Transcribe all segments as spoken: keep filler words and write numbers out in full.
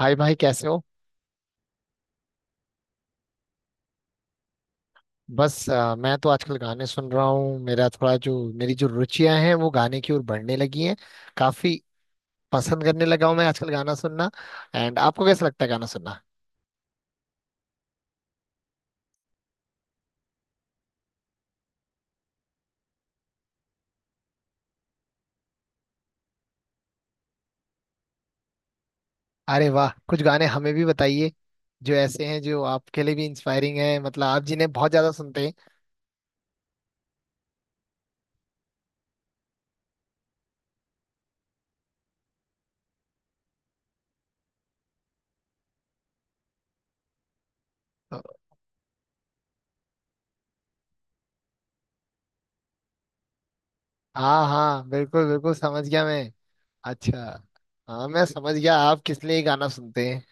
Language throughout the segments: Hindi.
हाय भाई कैसे हो। बस अ, मैं तो आजकल गाने सुन रहा हूँ। मेरा थोड़ा जो मेरी जो रुचियां हैं वो गाने की ओर बढ़ने लगी हैं। काफी पसंद करने लगा हूँ मैं आजकल गाना सुनना। एंड आपको कैसा लगता है गाना सुनना? अरे वाह, कुछ गाने हमें भी बताइए जो ऐसे हैं जो आपके लिए भी इंस्पायरिंग है, मतलब आप जिन्हें बहुत ज्यादा सुनते हैं। अ, हाँ हाँ, बिल्कुल बिल्कुल, समझ गया मैं। अच्छा। हाँ, मैं समझ गया आप किस लिए गाना सुनते हैं।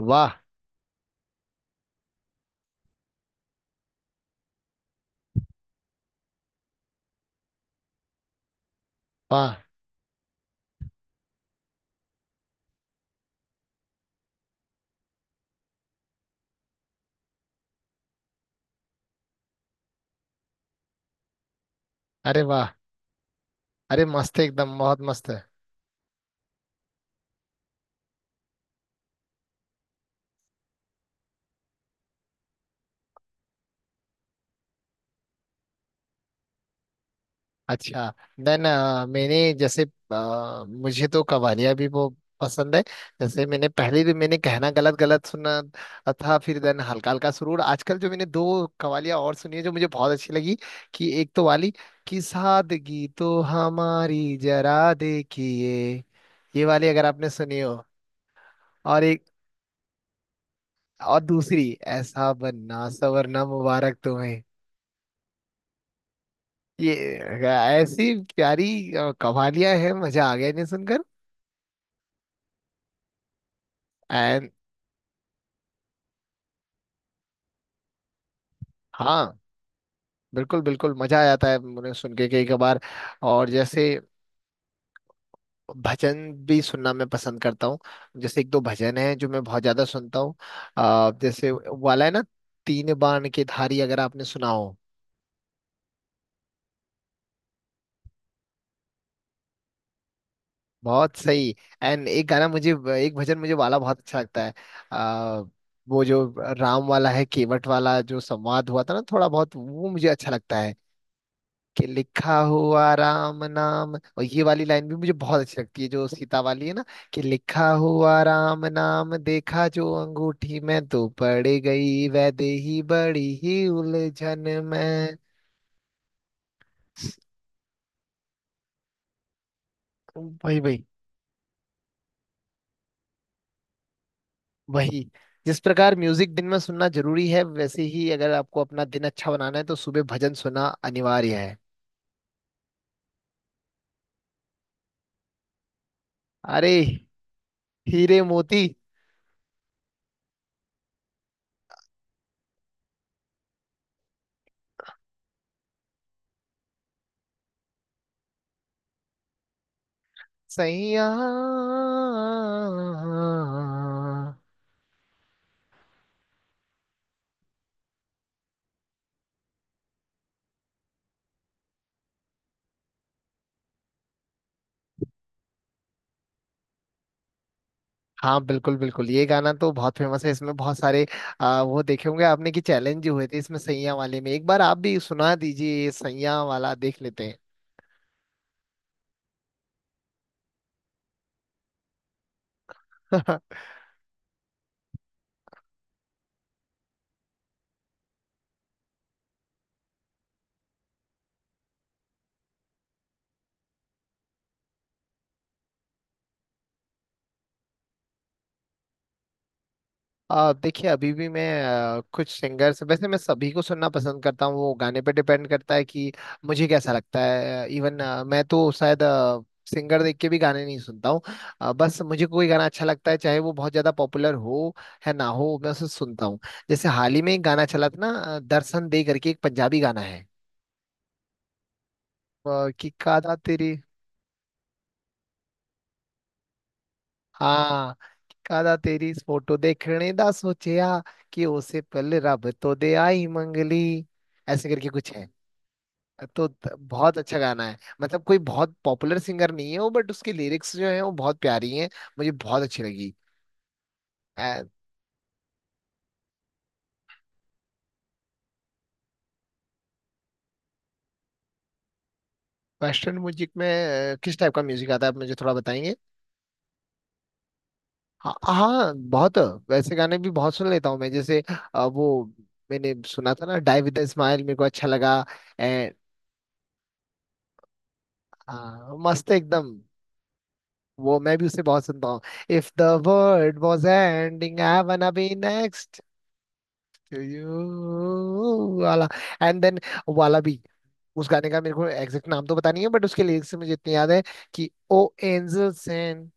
वाह। वाह। अरे वाह। अरे मस्त है एकदम, बहुत मस्त है। अच्छा। देन मैंने जैसे अ, मुझे तो कवालियाँ भी वो पसंद है। जैसे मैंने पहले भी, मैंने कहना गलत गलत सुना था, फिर देन हल्का हल्का सुरूर। आजकल जो मैंने दो कवालियाँ और सुनी है जो मुझे बहुत अच्छी लगी, कि एक तो वाली कि सादगी तो हमारी जरा देखिए, ये वाली अगर आपने सुनी हो, और एक और दूसरी ऐसा बनना सवरना मुबारक तुम्हें। ये ऐसी प्यारी अ, कवालियाँ हैं, मजा आ गया इन्हें सुनकर। एंड। हाँ बिल्कुल बिल्कुल, मजा आ जाता है उन्हें सुन के कई कबार। और जैसे भजन भी सुनना मैं पसंद करता हूँ। जैसे एक दो भजन है जो मैं बहुत ज्यादा सुनता हूँ। आ, जैसे वो वाला है ना, तीन बाण की धारी, अगर आपने सुना हो। बहुत सही। एंड एक गाना मुझे एक भजन मुझे वाला बहुत अच्छा लगता है। आ, वो जो राम वाला है, केवट वाला जो संवाद हुआ था ना थोड़ा बहुत, वो मुझे अच्छा लगता है, कि लिखा हुआ राम नाम। और ये वाली लाइन भी मुझे बहुत अच्छी लगती है जो सीता वाली है ना, कि लिखा हुआ राम नाम देखा जो अंगूठी में तो पड़ गई वैदेही बड़ी ही उलझन में। वही वही वही। जिस प्रकार म्यूजिक दिन में सुनना जरूरी है, वैसे ही अगर आपको अपना दिन अच्छा बनाना है तो सुबह भजन सुनना अनिवार्य है। अरे। हीरे मोती। सैया। हाँ बिल्कुल बिल्कुल, ये गाना तो बहुत फेमस है, इसमें बहुत सारे आ, वो देखे होंगे आपने कि चैलेंज हुए थे इसमें, सैया वाले में। एक बार आप भी सुना दीजिए ये सैया वाला, देख लेते हैं। आ, देखिए, अभी भी मैं आ, कुछ सिंगर्स, वैसे मैं सभी को सुनना पसंद करता हूँ, वो गाने पे डिपेंड करता है कि मुझे कैसा लगता है। इवन मैं तो शायद सिंगर देख के भी गाने नहीं सुनता हूँ। आ, बस मुझे कोई गाना अच्छा लगता है, चाहे वो बहुत ज्यादा पॉपुलर हो है ना हो, मैं उसे सुनता हूँ। जैसे हाल ही में एक गाना चला था ना, आ, दर्शन दे करके एक पंजाबी गाना है। ਵਾਹ ਕੀ ਕਾਦਾ ਤੇਰੀ। ਹਾਂ ਕੀ ਕਾਦਾ ਤੇਰੀ ਇਸ ਫੋਟੋ ਦੇਖਣੇ ਦਾ ਸੋਚਿਆ, ਕਿ ਉਸੇ ਪਹਿਲੇ ਰੱਬ ਤੋਂ ਦਿਆਈ ਮੰਗ ਲਈ। ऐसे करके कुछ है। तो त- बहुत अच्छा गाना है। मतलब कोई बहुत पॉपुलर सिंगर नहीं है वो, बट उसकी लिरिक्स जो है वो बहुत प्यारी हैं, मुझे बहुत अच्छी लगी। वेस्टर्न म्यूजिक में अ, किस टाइप का म्यूजिक आता है? आप मुझे थोड़ा बताएंगे। हाँ हाँ, बहुत वैसे गाने भी बहुत सुन लेता हूँ मैं। जैसे अ, वो मैंने सुना था ना, डाई विद स्माइल, मेरे को अच्छा लगा। हाँ मस्त है एकदम। वो मैं भी उसे बहुत सुनता हूँ। If the world was ending I wanna be next to you वाला। एंड देन वाला भी। उस गाने का मेरे को एग्जैक्ट नाम तो पता नहीं है, बट उसके लिरिक्स से मुझे इतनी याद है कि oh angel sent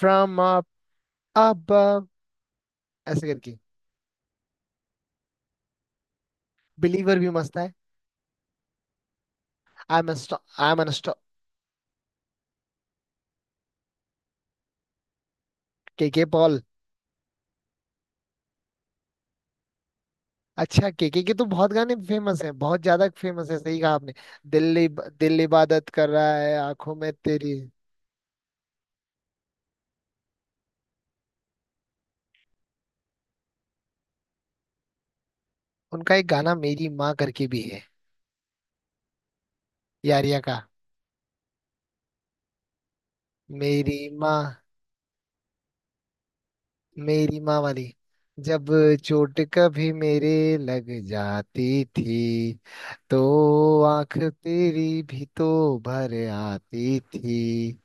from up above, ऐसे करके। बिलीवर भी मस्त है। I am I am. K K Paul. अच्छा, केके के तो बहुत गाने फेमस हैं, बहुत ज्यादा फेमस है, सही कहा आपने। दिल्ली दिल इबादत कर रहा है आंखों में तेरी। उनका एक गाना मेरी माँ करके भी है, यारिया का। मेरी माँ। मेरी माँ वाली। जब चोट कभी मेरे लग जाती थी तो आंख तेरी भी तो भर आती थी।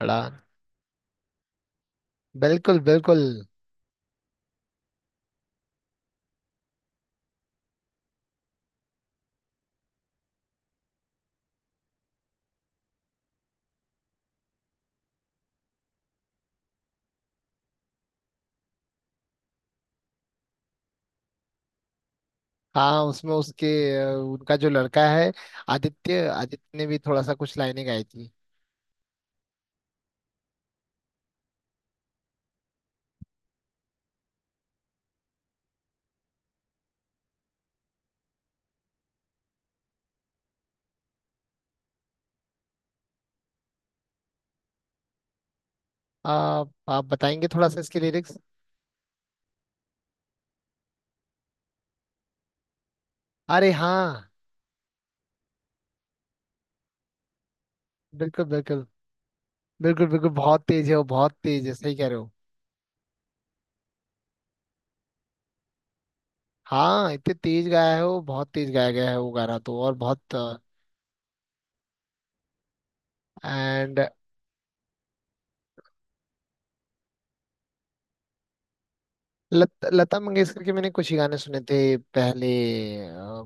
बड़ा। बिल्कुल बिल्कुल। हाँ, उसमें उसके अ, उनका जो लड़का है आदित्य, आदित्य ने भी थोड़ा सा कुछ लाइनें गाई थी। आप आप बताएंगे थोड़ा सा इसके लिरिक्स? अरे हाँ। बिल्कुल बिल्कुल बिल्कुल बिल्कुल, बहुत तेज है वो, बहुत तेज है, सही कह रहे हो। हाँ, इतने तेज गाया है वो, बहुत तेज गाया गया है वो गाना तो, और बहुत। एंड। लत, लता मंगेशकर के मैंने कुछ ही गाने सुने थे पहले। अ,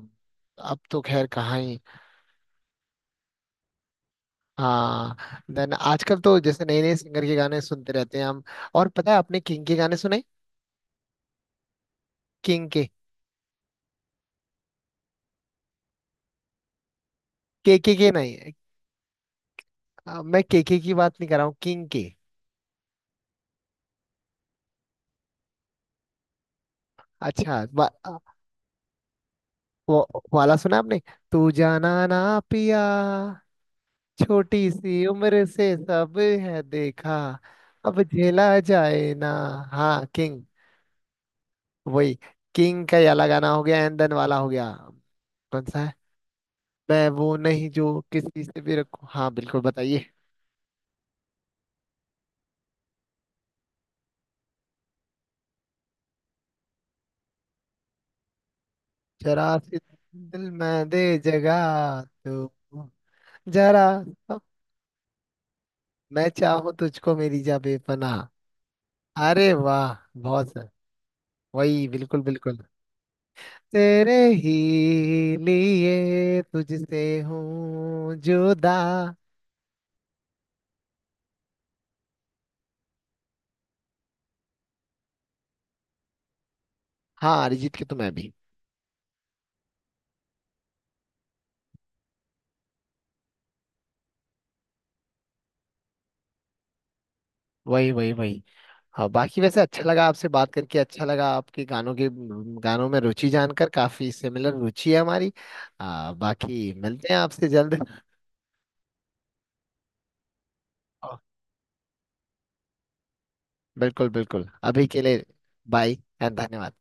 अब तो खैर कहाँ ही। हाँ। देन आजकल तो जैसे नए नए सिंगर के गाने सुनते रहते हैं हम। और पता है आपने किंग के गाने सुने? किंग के। के के के नहीं। अ, मैं के के की बात नहीं कर रहा हूँ, किंग के। अच्छा, वा, अ, वो वाला सुना आपने, तू जाना ना पिया, छोटी सी उम्र से सब है देखा, अब झेला जाए ना। हाँ, किंग। वही। किंग का ये अलग गाना हो गया, एंदन वाला हो गया। कौन सा है? मैं वो नहीं जो किसी से भी रखूं। हाँ बिल्कुल, बताइए। जरा सी दिल में दे जगह तू। जरा। मैं चाहूँ तुझको मेरी जा बेपनाह। अरे वाह। बहुत सर। वही बिल्कुल बिल्कुल। तेरे ही लिए तुझसे हूँ जुदा। हाँ, अरिजीत की तो मैं भी। वही वही वही। हाँ, बाकी वैसे अच्छा लगा आपसे बात करके, अच्छा लगा आपके गानों के, गानों में रुचि जानकर, काफी सिमिलर रुचि है हमारी। आ, बाकी मिलते हैं आपसे जल्द। ओ, बिल्कुल बिल्कुल, अभी के लिए बाय एंड धन्यवाद।